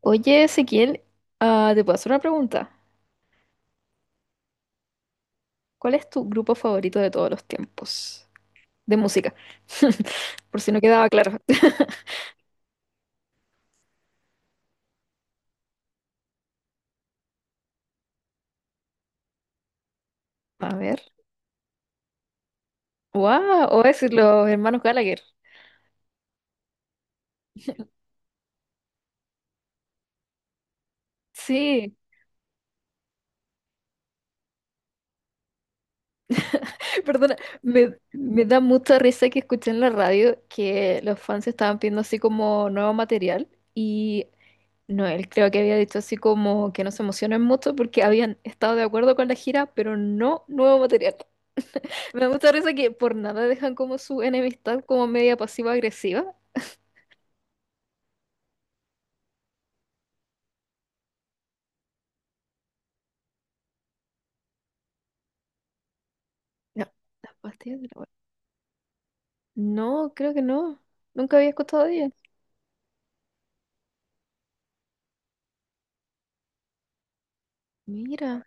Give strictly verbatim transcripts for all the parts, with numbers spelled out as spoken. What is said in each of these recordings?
Oye, Ezequiel, ah, te puedo hacer una pregunta. ¿Cuál es tu grupo favorito de todos los tiempos? De música. Por si no quedaba claro. A ver. ¡Wow! O decir los hermanos Gallagher. Sí, perdona, me, me da mucha risa que escuché en la radio que los fans estaban pidiendo así como nuevo material y Noel creo que había dicho así como que no se emocionen mucho porque habían estado de acuerdo con la gira, pero no nuevo material. Me gusta risa que por nada dejan como su enemistad como media pasiva-agresiva. No, las pastillas de la abuela. No, creo que no. Nunca había escuchado de ella. Mira,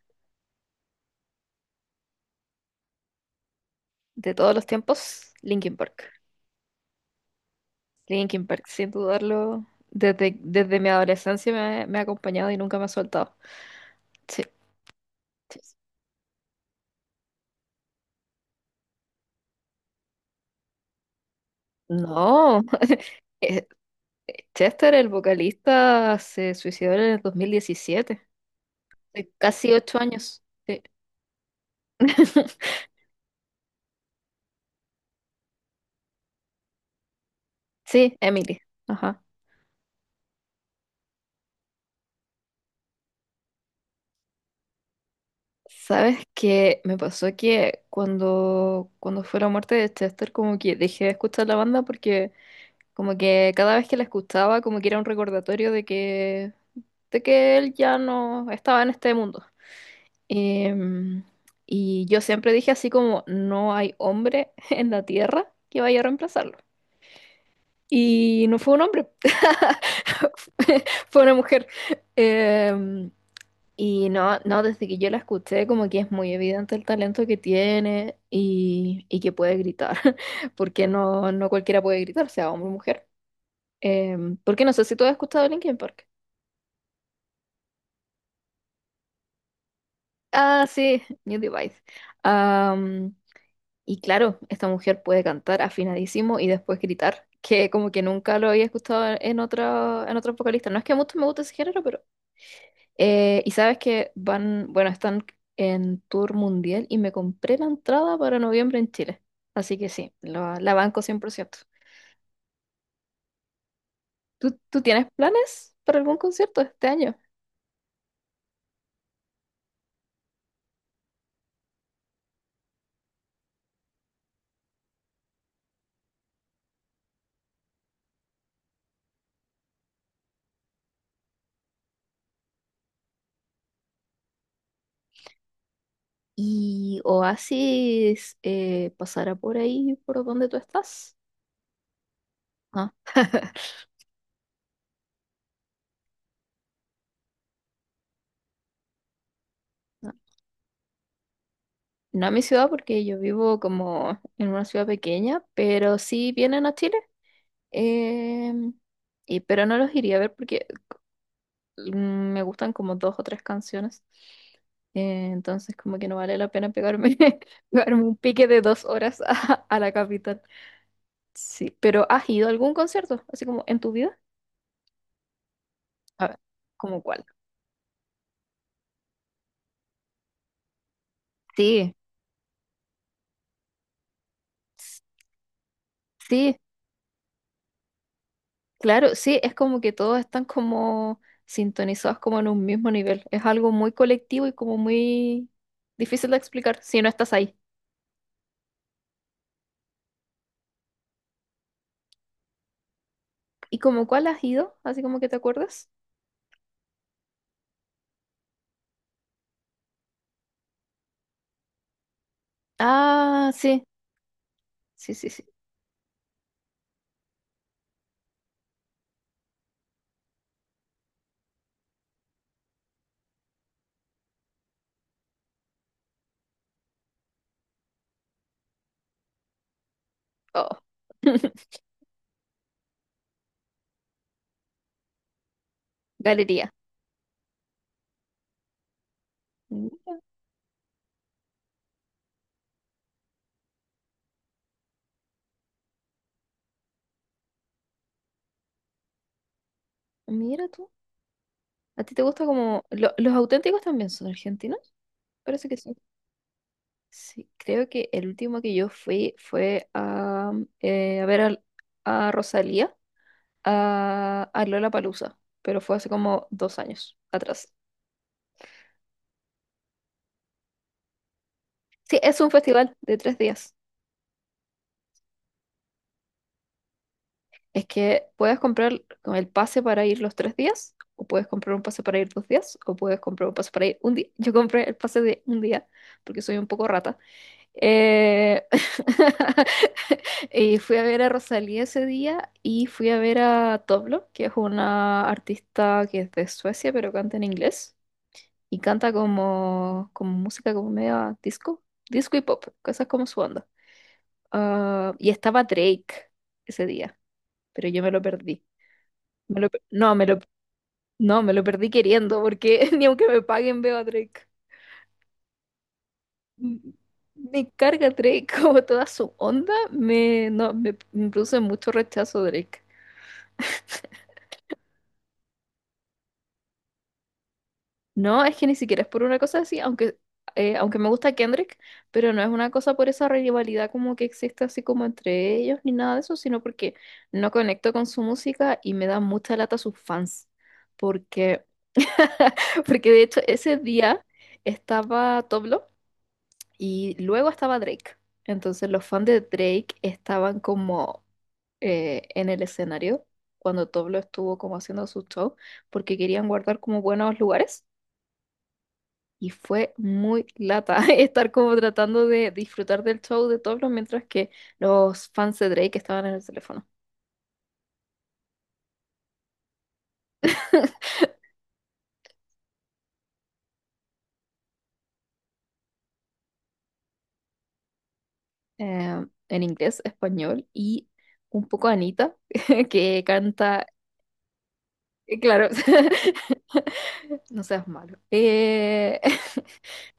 de todos los tiempos, Linkin Park. Linkin Park, sin dudarlo, desde, desde mi adolescencia me, ha me ha acompañado y nunca me ha soltado. Sí. Sí. Sí. No. Eh, Chester, el vocalista, se suicidó en el dos mil diecisiete. De casi ocho años. Sí. Sí, Emily. Ajá. Sabes que me pasó que cuando, cuando fue la muerte de Chester, como que dejé de escuchar la banda porque como que cada vez que la escuchaba, como que era un recordatorio de que, de que él ya no estaba en este mundo. Em, y yo siempre dije así como, no hay hombre en la tierra que vaya a reemplazarlo. Y no fue un hombre, fue una mujer. Em, y no, no, desde que yo la escuché, como que es muy evidente el talento que tiene y, y que puede gritar, porque no, no cualquiera puede gritar, sea hombre o mujer. Em, porque no sé si tú has escuchado Linkin Park. Ah, sí, New Device. Am, y claro, esta mujer puede cantar afinadísimo y después gritar, que como que nunca lo había escuchado en otra, en otros vocalistas. No es que a muchos me guste ese género. Eh, y sabes que van, bueno, están en tour mundial y me compré la entrada para noviembre en Chile. Así que sí, la la banco cien por ciento. ¿Tú, tú tienes planes para algún concierto este año? ¿Y Oasis eh, pasará por ahí, por donde tú estás? Ah. No, no a mi ciudad porque yo vivo como en una ciudad pequeña, pero sí vienen a Chile. Em, y, pero no los iría a ver porque mm, me gustan como dos o tres canciones. Eh, entonces como que no vale la pena pegarme, pegarme un pique de dos horas a, a la capital. Sí, pero ¿has ido a algún concierto? Así como en tu vida. A ver, ¿cómo cuál? Sí, s- sí, claro, sí, es como que todos están como sintonizados como en un mismo nivel. Es algo muy colectivo y como muy difícil de explicar si no estás ahí. ¿Y como cuál has ido? Así como que te acuerdas. Ah, sí, sí, sí, sí. Oh. Galería. Mm. Mira tú. ¿A ti te gusta como... lo- los auténticos también son argentinos? Parece que sí. Sí, creo que el último que yo fui fue a, eh, a ver al- a Rosalía, a, a Lollapalooza, pero fue hace como dos años atrás. Sí, es un festival de tres días. Es que puedes comprar con el pase para ir los tres días, o puedes comprar un pase para ir dos días, o puedes comprar un pase para ir un día. Yo compré el pase de un día porque soy un poco rata. Eh, y fui a ver a Rosalía ese día y fui a ver a Toblo, que es una artista que es de Suecia, pero canta en inglés y canta como, como música como media disco, disco y pop, cosas como su onda. Ah, y estaba Drake ese día, pero yo me lo perdí. Me lo pe- no, me lo, no, me lo perdí queriendo porque ni aunque me paguen veo a Drake. m- Me carga Drake, como toda su onda, me, no, me, me produce mucho rechazo Drake. No, es que ni siquiera es por una cosa así, aunque, eh, aunque me gusta Kendrick, pero no es una cosa por esa rivalidad como que existe así como entre ellos ni nada de eso, sino porque no conecto con su música y me da mucha lata sus fans. Porque, porque de hecho ese día estaba Toblo y luego estaba Drake. Entonces los fans de Drake estaban como... eh, en el escenario cuando Toblo estuvo como haciendo su show porque querían guardar como buenos lugares y fue muy lata estar como tratando de disfrutar del show de Toblo mientras que los fans de Drake estaban en el teléfono. Eh, en inglés, español y un poco Anita que canta, eh, claro, no seas malo. Eh,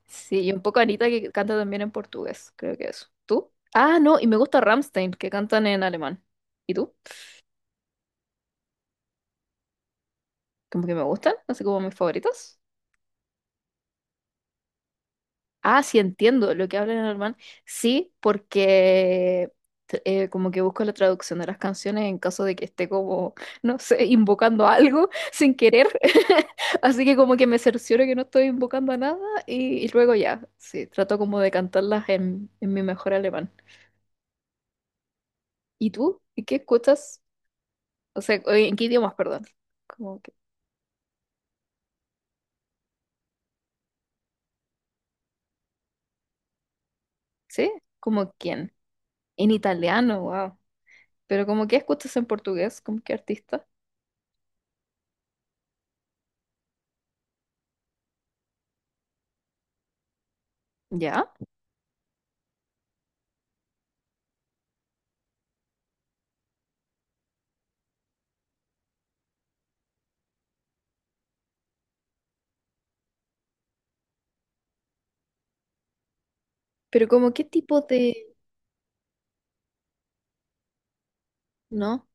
sí, y un poco Anita que canta también en portugués, creo que eso. ¿Tú? Ah, no, y me gusta Rammstein, que cantan en alemán. ¿Y tú? Como que me gustan, así como mis favoritos. Ah, sí, entiendo lo que hablan en alemán. Sí, porque t- eh, como que busco la traducción de las canciones en caso de que esté como, no sé, invocando algo sin querer. Así que como que me cercioro que no estoy invocando a nada y, y luego ya, sí, trato como de cantarlas en, en mi mejor alemán. ¿Y tú? ¿Y qué escuchas? O sea, oye, ¿en qué idiomas, perdón? Como que, ¿sí? ¿Como quién? En italiano, wow. Pero como que escuchas en portugués, como qué artista. ¿Ya? Pero como qué tipo de... ¿No?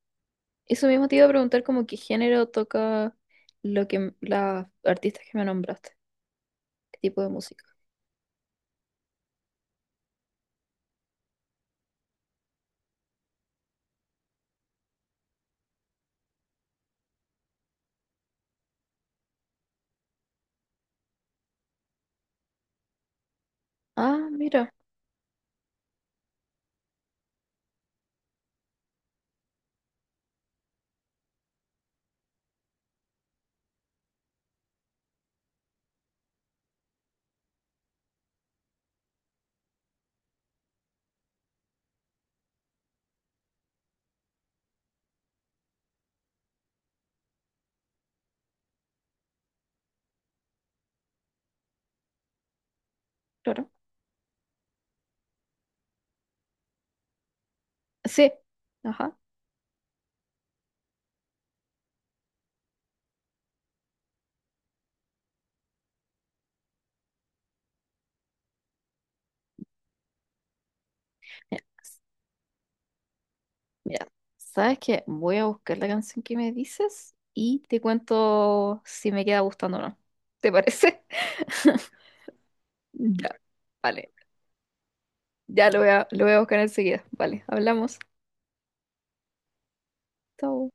Eso mismo te iba a preguntar como qué género toca lo que m- las artistas que me nombraste. ¿Qué tipo de música? Ah, mira, claro. Sí. Ajá. Mira, mira. ¿Sabes qué? Voy a buscar la canción que me dices y te cuento si me queda gustando o no. ¿Te parece? Ya. Vale. Ya lo voy a, lo voy a buscar enseguida. Vale, hablamos. Chao.